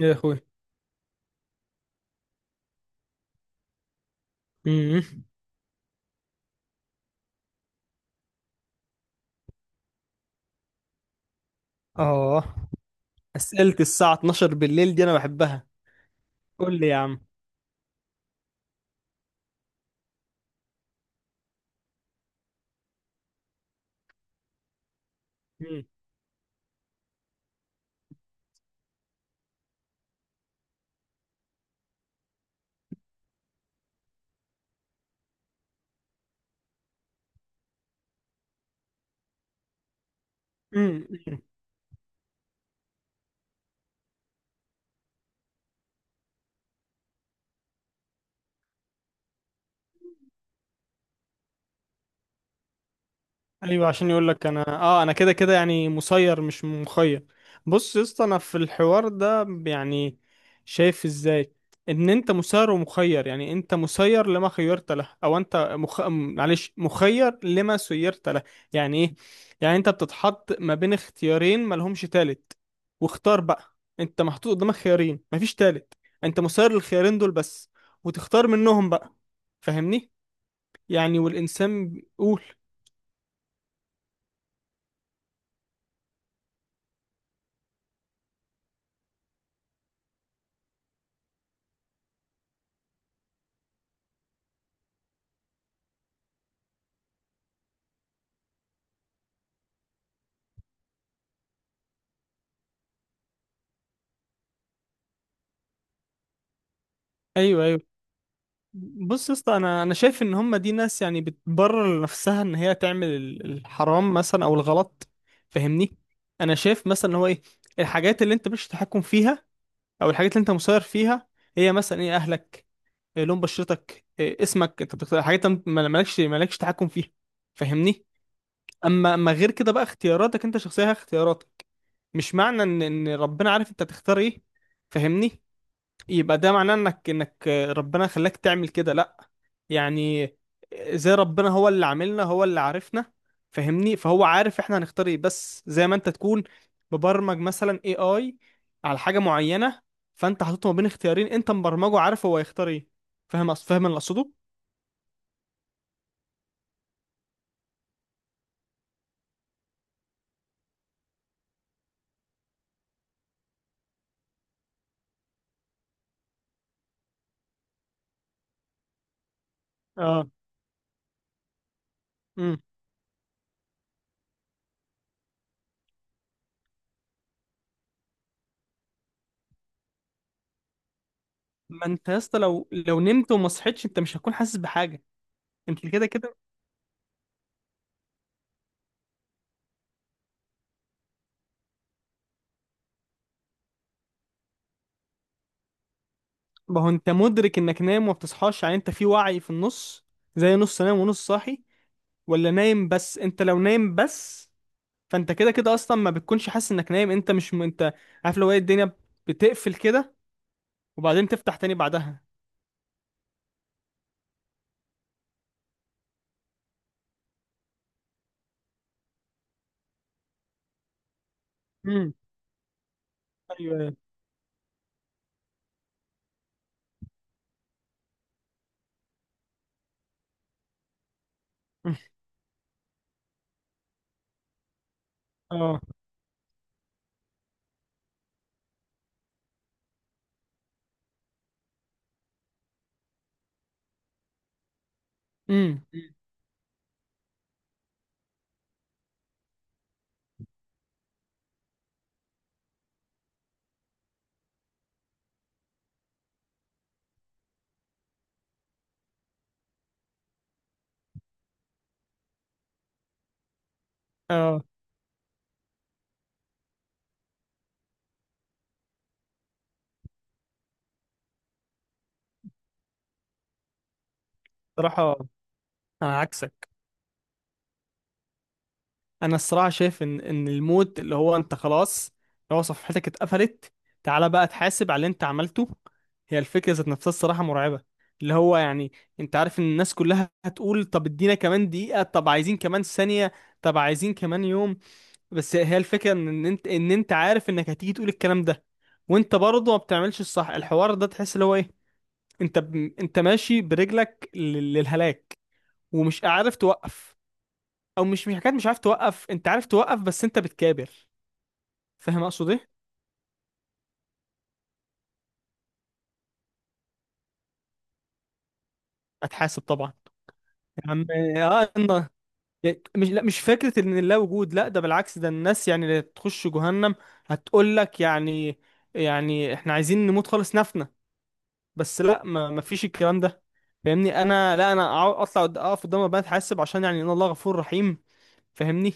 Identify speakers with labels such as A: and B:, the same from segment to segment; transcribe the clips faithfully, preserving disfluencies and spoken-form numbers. A: يا اخوي، امم اه اسئله الساعه اتناشر بالليل دي انا بحبها. قول لي يا عم. امم ايوه، عشان يقول لك انا اه انا كده كده يعني مسير مش مخير. بص يا اسطى، انا في الحوار ده يعني شايف ازاي ان انت مسير ومخير. يعني انت مسير لما خيرت له، او انت مخ... م- معلش مخير لما سيرت له. يعني ايه؟ يعني انت بتتحط ما بين اختيارين ملهمش تالت، واختار بقى. انت محطوط قدامك خيارين، مفيش تالت. انت مسير للخيارين دول بس، وتختار منهم بقى. فاهمني؟ يعني والانسان قول. ايوه، ايوه. بص يا اسطى، انا انا شايف ان هم دي ناس يعني بتبرر لنفسها ان هي تعمل ال- الحرام مثلا او الغلط. فاهمني؟ انا شايف مثلا ان هو ايه؟ الحاجات اللي انت مش تحكم فيها، او الحاجات اللي انت مسير فيها، هي مثلا ايه؟ اهلك، إيه لون بشرتك، إيه اسمك. انت بتختار حاجات انت ما- مالكش مالكش تحكم فيها. فاهمني؟ اما اما غير كده بقى اختياراتك، انت شخصيه هي اختياراتك. مش معنى ان ان ربنا عارف انت هتختار ايه. فاهمني؟ يبقى ده معناه انك انك ربنا خلاك تعمل كده. لا يعني، زي ربنا هو اللي عاملنا، هو اللي عارفنا. فاهمني؟ فهو عارف احنا هنختار ايه، بس زي ما انت تكون مبرمج مثلا اي اي على حاجه معينه. فانت حاططه ما بين اختيارين، انت مبرمجه عارف هو هيختار ايه. فاهم أص- فاهم اللي اقصده؟ اه. امم ما انت يا اسطى، لو لو نمت وما صحيتش، انت مش هتكون حاسس بحاجه. انت كده كده. ما هو انت مدرك انك نايم وما بتصحاش، يعني انت في وعي في النص، زي نص نايم ونص صاحي، ولا نايم بس. انت لو نايم بس، فانت كده كده اصلا ما بتكونش حاسس انك نايم. انت مش م... انت عارف لو ايه الدنيا بتقفل كده، وبعدين تفتح تاني بعدها. امم ايوه، ايوه. مم. اه. امم اه. صراحه انا عكسك. انا الصراحه شايف ان ان الموت اللي هو انت خلاص، اللي هو صفحتك اتقفلت. تعالى بقى تحاسب على اللي انت عملته. هي الفكره ذات نفسها الصراحه مرعبه. اللي هو يعني، انت عارف ان الناس كلها هتقول طب ادينا كمان دقيقه، طب عايزين كمان ثانيه، طب عايزين كمان يوم. بس هي الفكرة ان إن انت ان انت عارف انك هتيجي تقول الكلام ده، وانت برضه ما بتعملش الصح. الحوار ده تحس اللي هو ايه، انت ب... انت ماشي برجلك لل- للهلاك، ومش عارف توقف. او مش مش حكايه مش عارف توقف، انت عارف توقف بس انت بتكابر. فاهم اقصد ايه؟ اتحاسب طبعا. يا عم، اه إن... مش، لا، مش فكرة ان لا وجود. لا، ده بالعكس. ده الناس يعني اللي تخش جهنم هتقول لك يعني، يعني احنا عايزين نموت خالص، نفنا. بس لا، ما ما فيش الكلام ده. فاهمني؟ انا لا، انا أع- اطلع قد- اقف قدام ربنا اتحاسب، عشان يعني ان الله غفور رحيم. فاهمني؟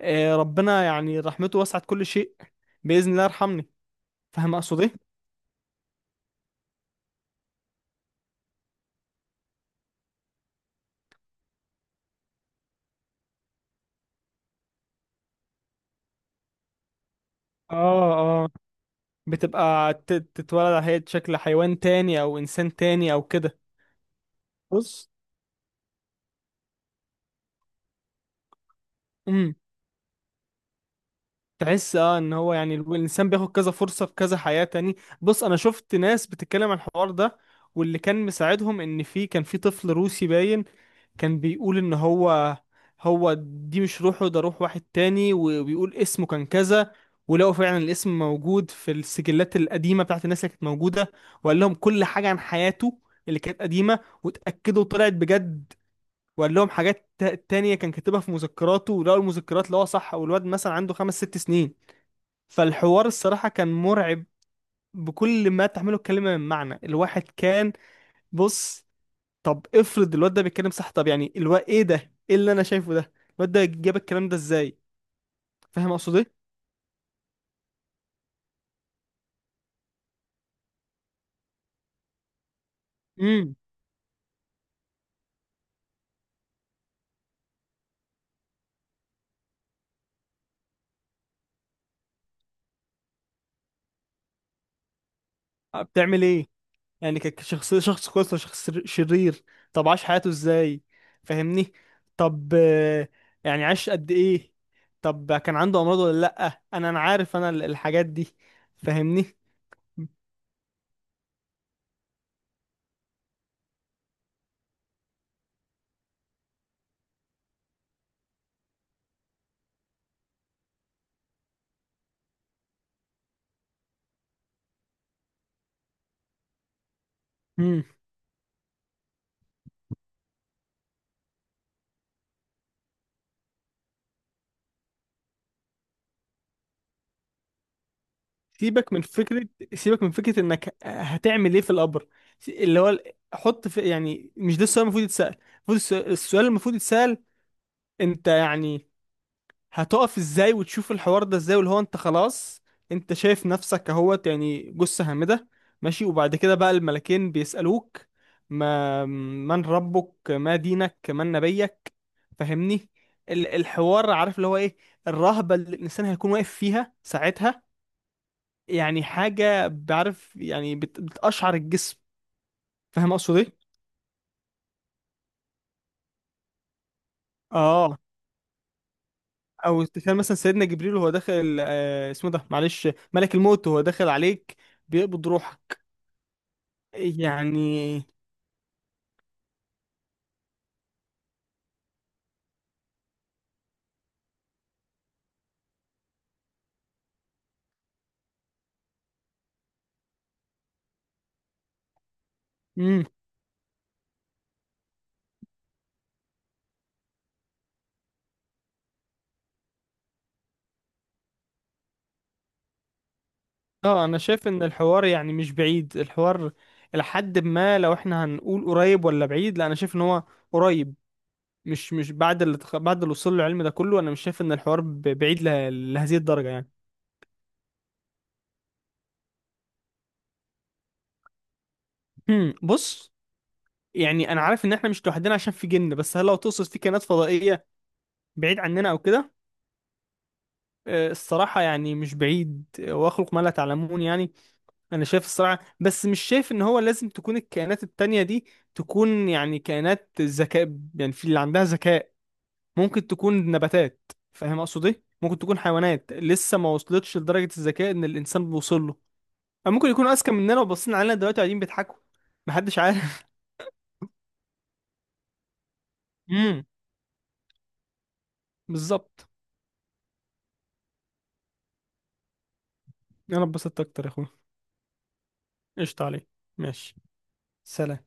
A: آه ربنا يعني رحمته وسعت كل شيء، باذن الله يرحمني. فاهم اقصد ايه؟ اه، اه. بتبقى ت- تتولد على هيئة شكل حيوان تاني، او انسان تاني، او كده. بص. امم تحس اه ان هو يعني ال- الانسان بياخد كذا فرصة في كذا حياة تاني. بص، انا شفت ناس بتتكلم عن الحوار ده، واللي كان مساعدهم ان في كان في طفل روسي باين، كان بيقول ان هو هو دي مش روحه، ده روح واحد تاني. وبيقول اسمه كان كذا، ولقوا فعلا الاسم موجود في السجلات القديمة بتاعت الناس اللي كانت موجودة. وقال لهم كل حاجة عن حياته اللي كانت قديمة، واتأكدوا طلعت بجد. وقال لهم حاجات تا- تانية كان كاتبها في مذكراته، ولقوا المذكرات اللي هو صح، والواد مثلا عنده خمس ست سنين. فالحوار الصراحة كان مرعب، بكل ما تحمله الكلمة من معنى. الواحد كان. بص، طب افرض الواد ده بيتكلم صح. طب يعني الو ايه ده؟ ايه اللي انا شايفه ده؟ الواد ده جاب الكلام ده ازاي؟ فاهم اقصد ايه؟ امم بتعمل ايه؟ يعني ك- كشخص شخص كويس ولا شخص شر- شرير؟ طب عاش حياته ازاي؟ فاهمني. طب، آه، يعني عاش قد ايه؟ طب كان عنده امراض ولا لا؟ انا انا عارف انا ال- الحاجات دي. فاهمني؟ سيبك من فكرة سيبك من فكرة انك هتعمل ايه في القبر، اللي هو ال- حط في، يعني مش ده السؤال المفروض يتسأل. المفروض الس- السؤال المفروض يتسأل، انت يعني هتقف ازاي وتشوف الحوار ده ازاي؟ واللي هو انت خلاص، انت شايف نفسك اهوت يعني جثة هامدة، ماشي. وبعد كده بقى الملكين بيسألوك ما من ربك، ما دينك، من نبيك. فاهمني؟ ال- الحوار عارف اللي هو ايه؟ الرهبة اللي الانسان هيكون واقف فيها ساعتها، يعني حاجة بعرف يعني بت- بتقشعر الجسم. فاهم اقصد ايه؟ اه. او تخيل مثلا سيدنا جبريل وهو داخل، آه اسمه ده معلش، ملك الموت وهو داخل عليك بيقبض روحك. يعني. امم اه. انا شايف ان الحوار يعني مش بعيد. الحوار لحد ما، لو احنا هنقول قريب ولا بعيد، لا انا شايف ان هو قريب. مش مش بعد اللي تخ... بعد اللي وصل له العلم ده كله، انا مش شايف ان الحوار ب- بعيد له... لهذه الدرجة يعني. امم بص، يعني انا عارف ان احنا مش لوحدنا عشان في جن، بس هل لو تقصد في كائنات فضائيه بعيد عننا او كده؟ آه، الصراحه يعني مش بعيد. آه، واخلق ما لا تعلمون. يعني، انا شايف الصراحه، بس مش شايف ان هو لازم تكون الكائنات التانية دي تكون يعني كائنات ذكاء. يعني في اللي عندها ذكاء، ممكن تكون نباتات. فاهم اقصد ايه؟ ممكن تكون حيوانات لسه ما وصلتش لدرجه الذكاء ان الانسان بيوصل له، أو ممكن يكونوا اذكى مننا وباصين علينا دلوقتي قاعدين بيضحكوا. محدش عارف. امم بالظبط. انا اتبسطت اكتر يا اخويا. قشطة عليك. ماشي. سلام.